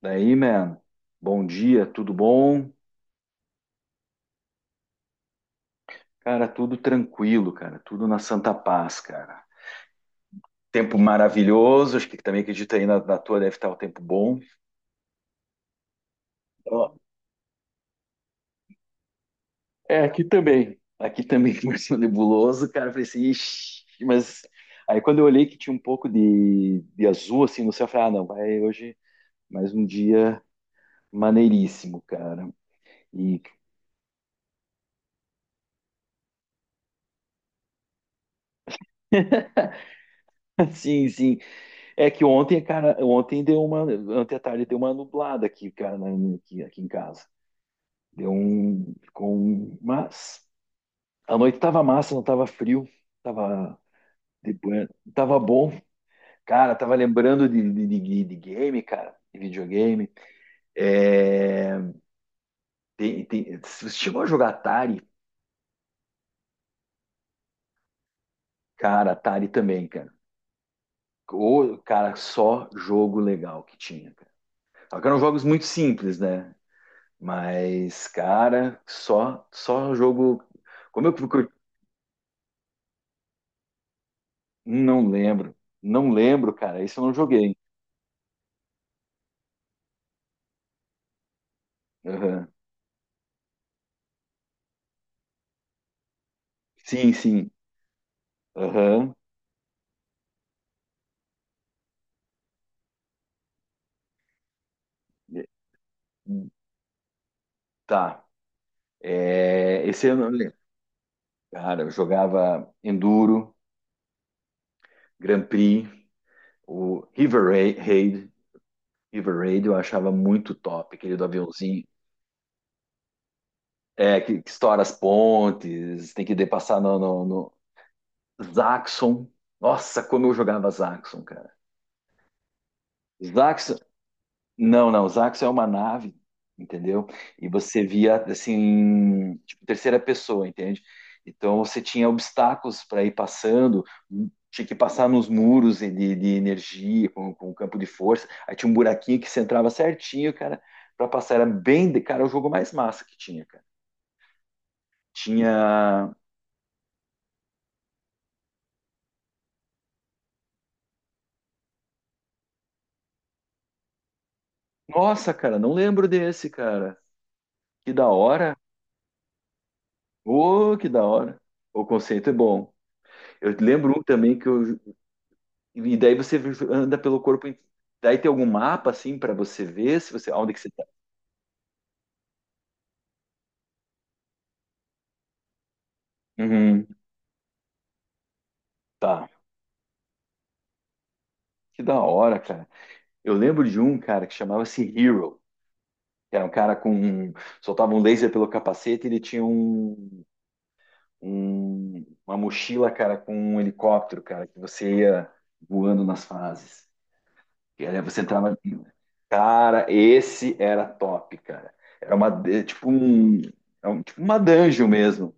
Daí, man, bom dia, tudo bom? Cara, tudo tranquilo, cara, tudo na Santa Paz, cara. Tempo maravilhoso, acho que também acredito aí na tua deve estar o tempo bom. Ó, é, aqui também começou nebuloso, cara, eu falei assim, ixi, mas aí quando eu olhei que tinha um pouco de azul assim no céu, eu falei, ah, não, vai hoje mais um dia maneiríssimo, cara. E sim, sim. É que ontem, cara, ontem deu uma, ontem à tarde deu uma nublada aqui, cara, aqui, aqui, em casa. Deu um, ficou um, mas a noite tava massa, não tava frio, tava depois, tava bom. Cara, tava lembrando de game, cara, de videogame. É, tem, você chegou a jogar Atari? Cara, Atari também, cara. Ô, cara, só jogo legal que tinha, cara. Só que eram jogos muito simples, né? Mas, cara, só jogo. Como eu procuro. Não lembro. Não lembro, cara. Isso eu não joguei. Aham. Sim, sim. Aham. Tá. É, esse eu não lembro. Cara, eu jogava Enduro, Grand Prix, o River Raid. River Raid eu achava muito top, aquele do aviãozinho. É, que estoura as pontes, tem que passar no Zaxxon. Nossa, como eu jogava Zaxxon, cara. Zaxxon não, não, os Axis é uma nave, entendeu? E você via assim, tipo, terceira pessoa, entende? Então você tinha obstáculos para ir passando, tinha que passar nos muros e de energia, com campo de força. Aí tinha um buraquinho que você entrava certinho, cara, para passar. Era bem, cara, o jogo mais massa que tinha, cara. Tinha. Nossa, cara, não lembro desse, cara. Que da hora. Ô, que da hora. O conceito é bom. Eu lembro um também que eu, e daí você anda pelo corpo. Daí tem algum mapa assim para você ver se você onde que você tá. Uhum, tá. Que da hora, cara. Eu lembro de um cara que chamava-se Hero, que era um cara com um, soltava um laser pelo capacete, e ele tinha um, uma mochila, cara, com um helicóptero, cara, que você ia voando nas fases. E aí você entrava. Cara, esse era top, cara. Era uma, é tipo um, tipo uma dungeon mesmo.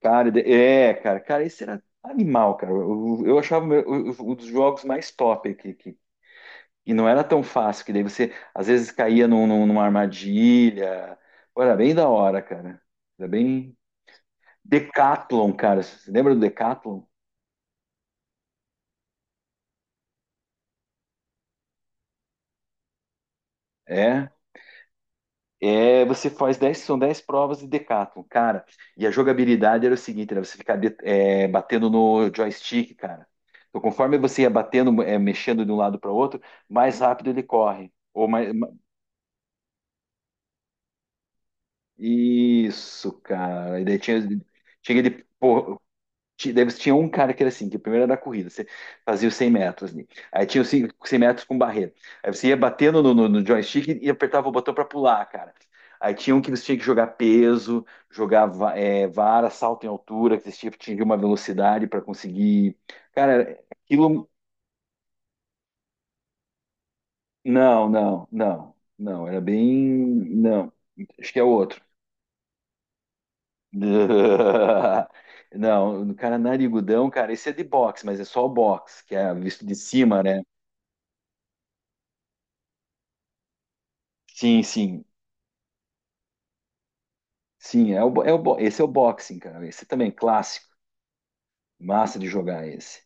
Cara, é, cara, esse era animal, cara. Eu achava o meu- o- um dos jogos mais top que, e não era tão fácil, que daí você às vezes caía numa armadilha. Pô, era bem da hora, cara. Era bem. Decathlon, cara. Você lembra do Decathlon? É. É, você faz 10 são 10 provas de Decathlon, cara. E a jogabilidade era o seguinte, era você ficar batendo no joystick, cara. Então, conforme você ia batendo, mexendo de um lado para o outro, mais rápido ele corre. Ou mais, isso, cara. E daí tinha, tinha aquele. Porra, daí você tinha um cara que era assim, que o primeiro era da corrida, você fazia os 100 metros ali. Aí tinha os 100 metros com barreira. Aí você ia batendo no joystick e apertava o botão pra pular, cara. Aí tinha um que você tinha que jogar peso, jogar vara, salto em altura, que você tinha que atingir uma velocidade pra conseguir. Cara, aquilo. Não, não, não, não. Era bem. Não. Acho que é outro. Não, o cara narigudão, cara, esse é de boxe, mas é só o boxe, que é visto de cima, né? Sim, sim, sim, esse é o boxing, cara, esse também, clássico, massa de jogar esse.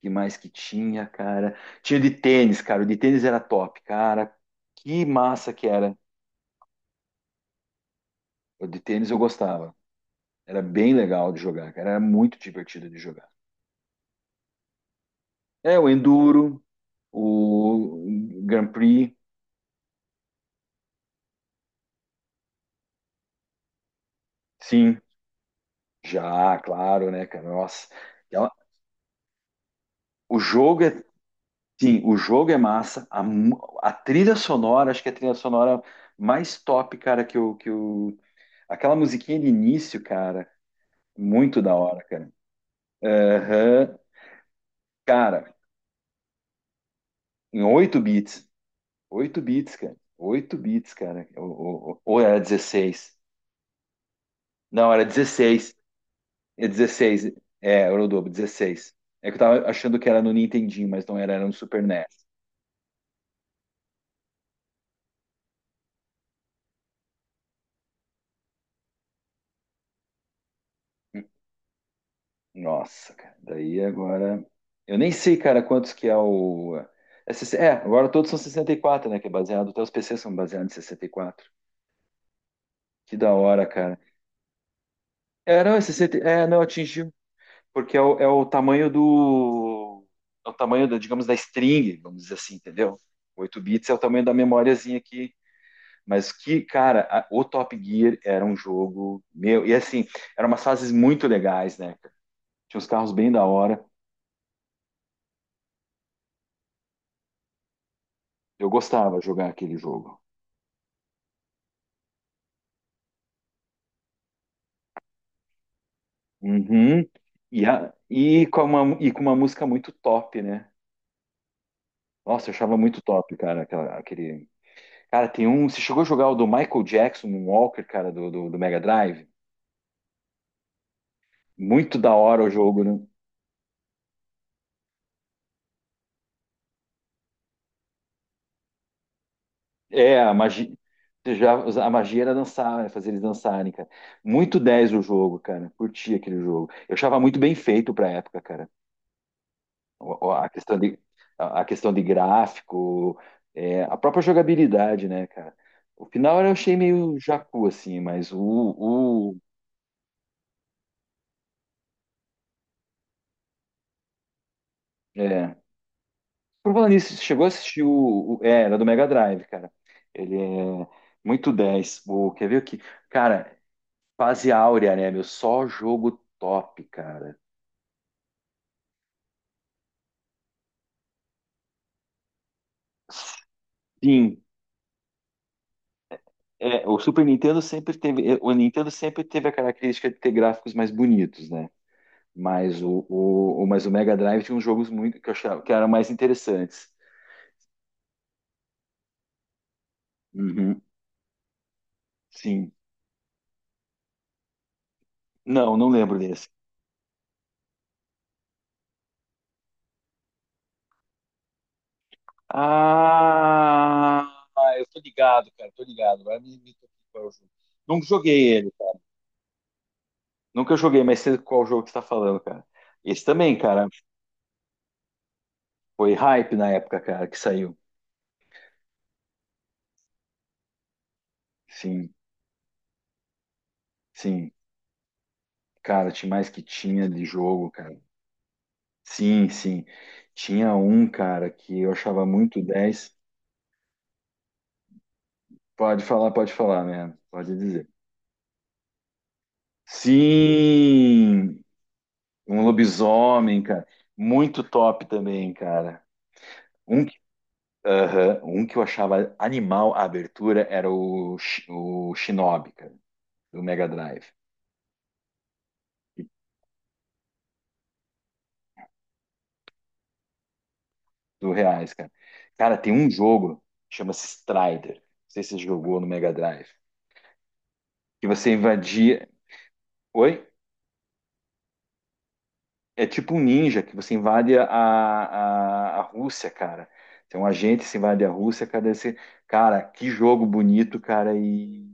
Que mais que tinha, cara? Tinha o de tênis, cara, o de tênis era top, cara, que massa que era. O de tênis eu gostava, era bem legal de jogar, cara, era muito divertido de jogar. É, o Enduro, o Grand Prix, sim, já, claro, né, cara? Nossa. ela- o jogo é, sim, o jogo é massa. A trilha sonora, acho que é a trilha sonora mais top, cara, que o aquela musiquinha de início, cara, muito da hora, cara. Aham. Cara, em 8 bits. 8 bits, cara. 8 bits, cara. Ou era 16? Não, era 16. É 16. É, era o dobro, 16. É que eu tava achando que era no Nintendinho, mas não era, era no Super NES. Nossa, cara. Daí agora. Eu nem sei, cara, quantos que é o. É, 60 é, agora todos são 64, né? Que é baseado. Até os PCs são baseados em 64. Que da hora, cara. É, não, é 60. É, não, atingiu. Porque é o tamanho do. É o tamanho, da, digamos, da string, vamos dizer assim, entendeu? 8 bits é o tamanho da memóriazinha aqui. Mas que, cara, o Top Gear era um jogo meu. E assim, eram umas fases muito legais, né, cara? Tinha uns carros bem da hora. Eu gostava de jogar aquele jogo. Uhum. Com uma, e com uma música muito top, né? Nossa, eu achava muito top, cara, aquele... Cara, tem um... Você chegou a jogar o do Michael Jackson, um Walker, cara, do Mega Drive? Muito da hora o jogo, né? É, a magia... Já, a magia era dançar, né? Fazer eles dançarem, cara. Muito 10 o jogo, cara. Curti aquele jogo. Eu achava muito bem feito pra época, cara. O- o- A questão de, a questão de gráfico, a própria jogabilidade, né, cara? O final eu achei meio jacu, assim, mas o é. Por falar nisso, você chegou a assistir era do Mega Drive, cara. Ele é muito dez. O, quer ver o que? Cara, fase áurea, né, meu? Só jogo top, cara. Sim. É, o Nintendo sempre teve a característica de ter gráficos mais bonitos, né? Mas o Mega Drive tinha uns jogos muito que eu achava que eram mais interessantes. Uhum, sim. Não, não lembro desse. Ah, eu tô ligado, cara, tô ligado. Agora me toquei qual é o jogo. Nunca joguei ele. Nunca joguei, mas sei qual jogo que você tá falando, cara. Esse também, cara, foi hype na época, cara, que saiu. Sim, sim. Cara, tinha mais que tinha de jogo, cara. Sim, sim. Tinha um, cara, que eu achava muito dez. Pode falar, né? Pode dizer. Sim, um lobisomem, cara. Muito top também, cara. Um que, aham, um que eu achava animal a abertura era o Shinobi, cara, do Mega Drive, do Reais, cara. Cara, tem um jogo, chama-se Strider. Não sei se você jogou no Mega Drive. Que você invadia. Oi? É tipo um ninja que você invade a Rússia, cara. Tem um agente que se invade a Rússia, cara. Esse... Cara, que jogo bonito, cara. E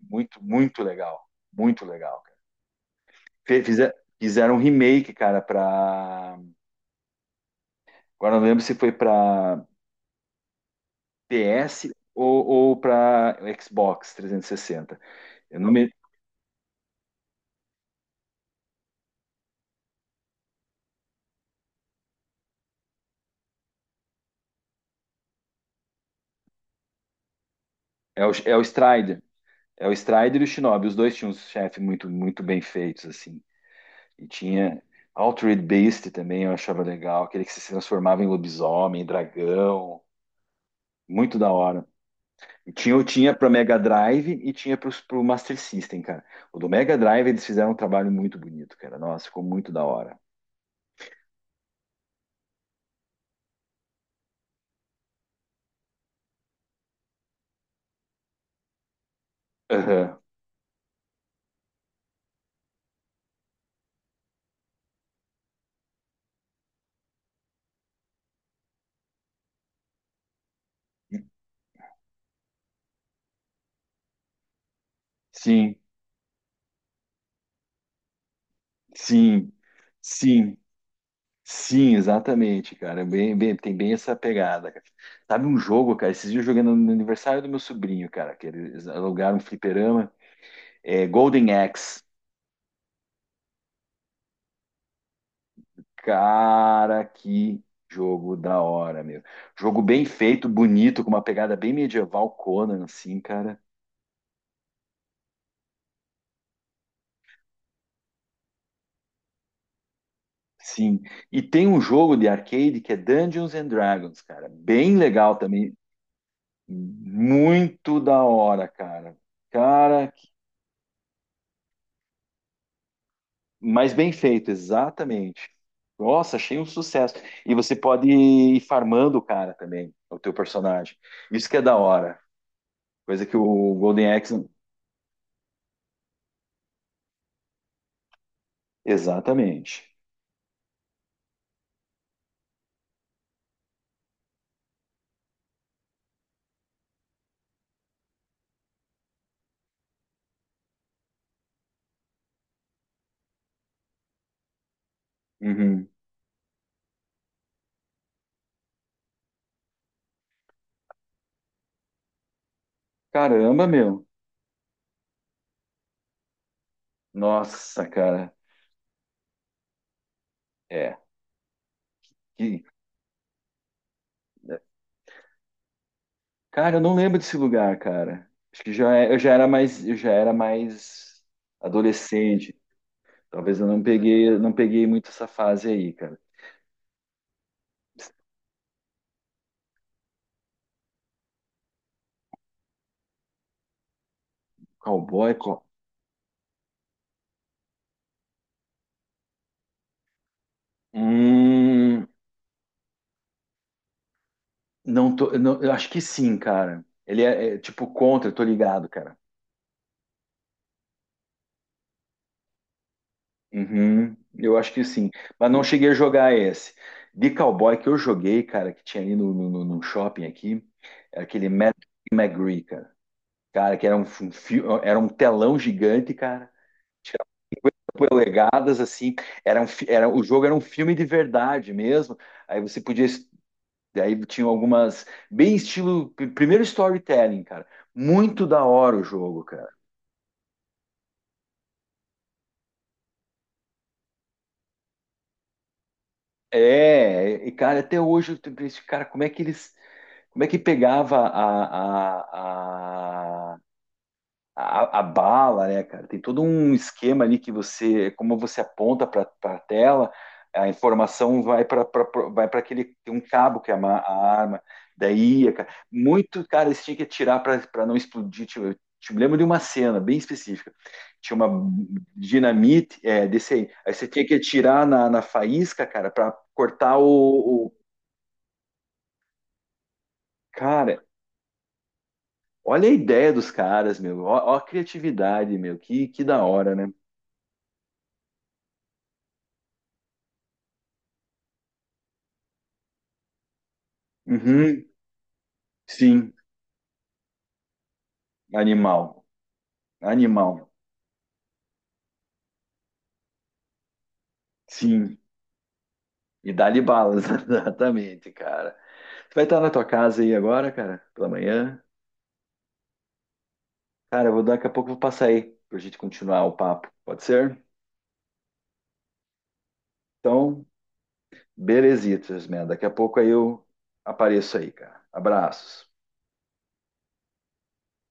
muito, muito legal. Muito legal, cara. Fizeram um remake, cara, pra. Agora eu não lembro se foi pra PS ou pra Xbox 360. Eu não me... é o Strider. É o Strider e o Shinobi. Os dois tinham uns chefes muito, muito bem feitos, assim. E tinha Altered Beast também, eu achava legal. Aquele que se transformava em lobisomem, dragão. Muito da hora. Eu tinha para Mega Drive e tinha para o Master System, cara. O do Mega Drive eles fizeram um trabalho muito bonito, cara. Nossa, ficou muito da hora. Aham. Sim, sim, sim, sim, exatamente, cara. É bem, tem bem essa pegada, cara. Sabe um jogo, cara? Esses dias eu joguei no aniversário do meu sobrinho, cara, que eles alugaram um fliperama, Golden Axe. Cara, que jogo da hora, meu. Jogo bem feito, bonito, com uma pegada bem medieval, Conan, assim, cara. Sim. E tem um jogo de arcade que é Dungeons and Dragons, cara. Bem legal também. Muito da hora, cara. Cara, mas bem feito, exatamente. Nossa, achei um sucesso. E você pode ir farmando o cara também, o teu personagem. Isso que é da hora. Coisa que o Golden Axe. Exatamente. Uhum. Caramba, meu. Nossa, cara. É. Que... Cara, eu não lembro desse lugar, cara. Acho que já, eu já era mais, eu já era mais adolescente. Talvez eu não peguei muito essa fase aí, cara. Cowboy, Hum, não tô, eu não, eu acho que sim, cara. Ele é tipo contra, eu tô ligado, cara. Uhum, eu acho que sim, mas não cheguei a jogar esse. De cowboy que eu joguei, cara, que tinha ali no shopping aqui, era aquele Matt McGree, cara. Cara, que era um, era um telão gigante, cara. Polegadas, assim, era um, fi- era, o jogo era um filme de verdade mesmo. Aí você podia, aí tinha algumas, bem estilo, primeiro storytelling, cara. Muito da hora o jogo, cara. É, e cara, até hoje eu tenho esse cara, como é que pegava a bala, né, cara? Tem todo um esquema ali que você, como você aponta para a tela, a informação vai para aquele tem um cabo que é a arma. Daí, cara, muito cara eles tinham que atirar para não explodir. Tipo, me lembro de uma cena bem específica. Tinha uma dinamite, é, desse aí. Aí você tinha que atirar na faísca, cara, para cortar cara, olha a ideia dos caras, meu. Ó, ó a criatividade, meu. Que da hora, né? Uhum, sim. Animal, animal, sim. E dá-lhe balas, exatamente, cara. Você vai estar na tua casa aí agora, cara, pela manhã? Cara, eu vou daqui a pouco eu vou passar aí pra gente continuar o papo, pode ser? Então, belezitas, man. Daqui a pouco aí eu apareço aí, cara. Abraços.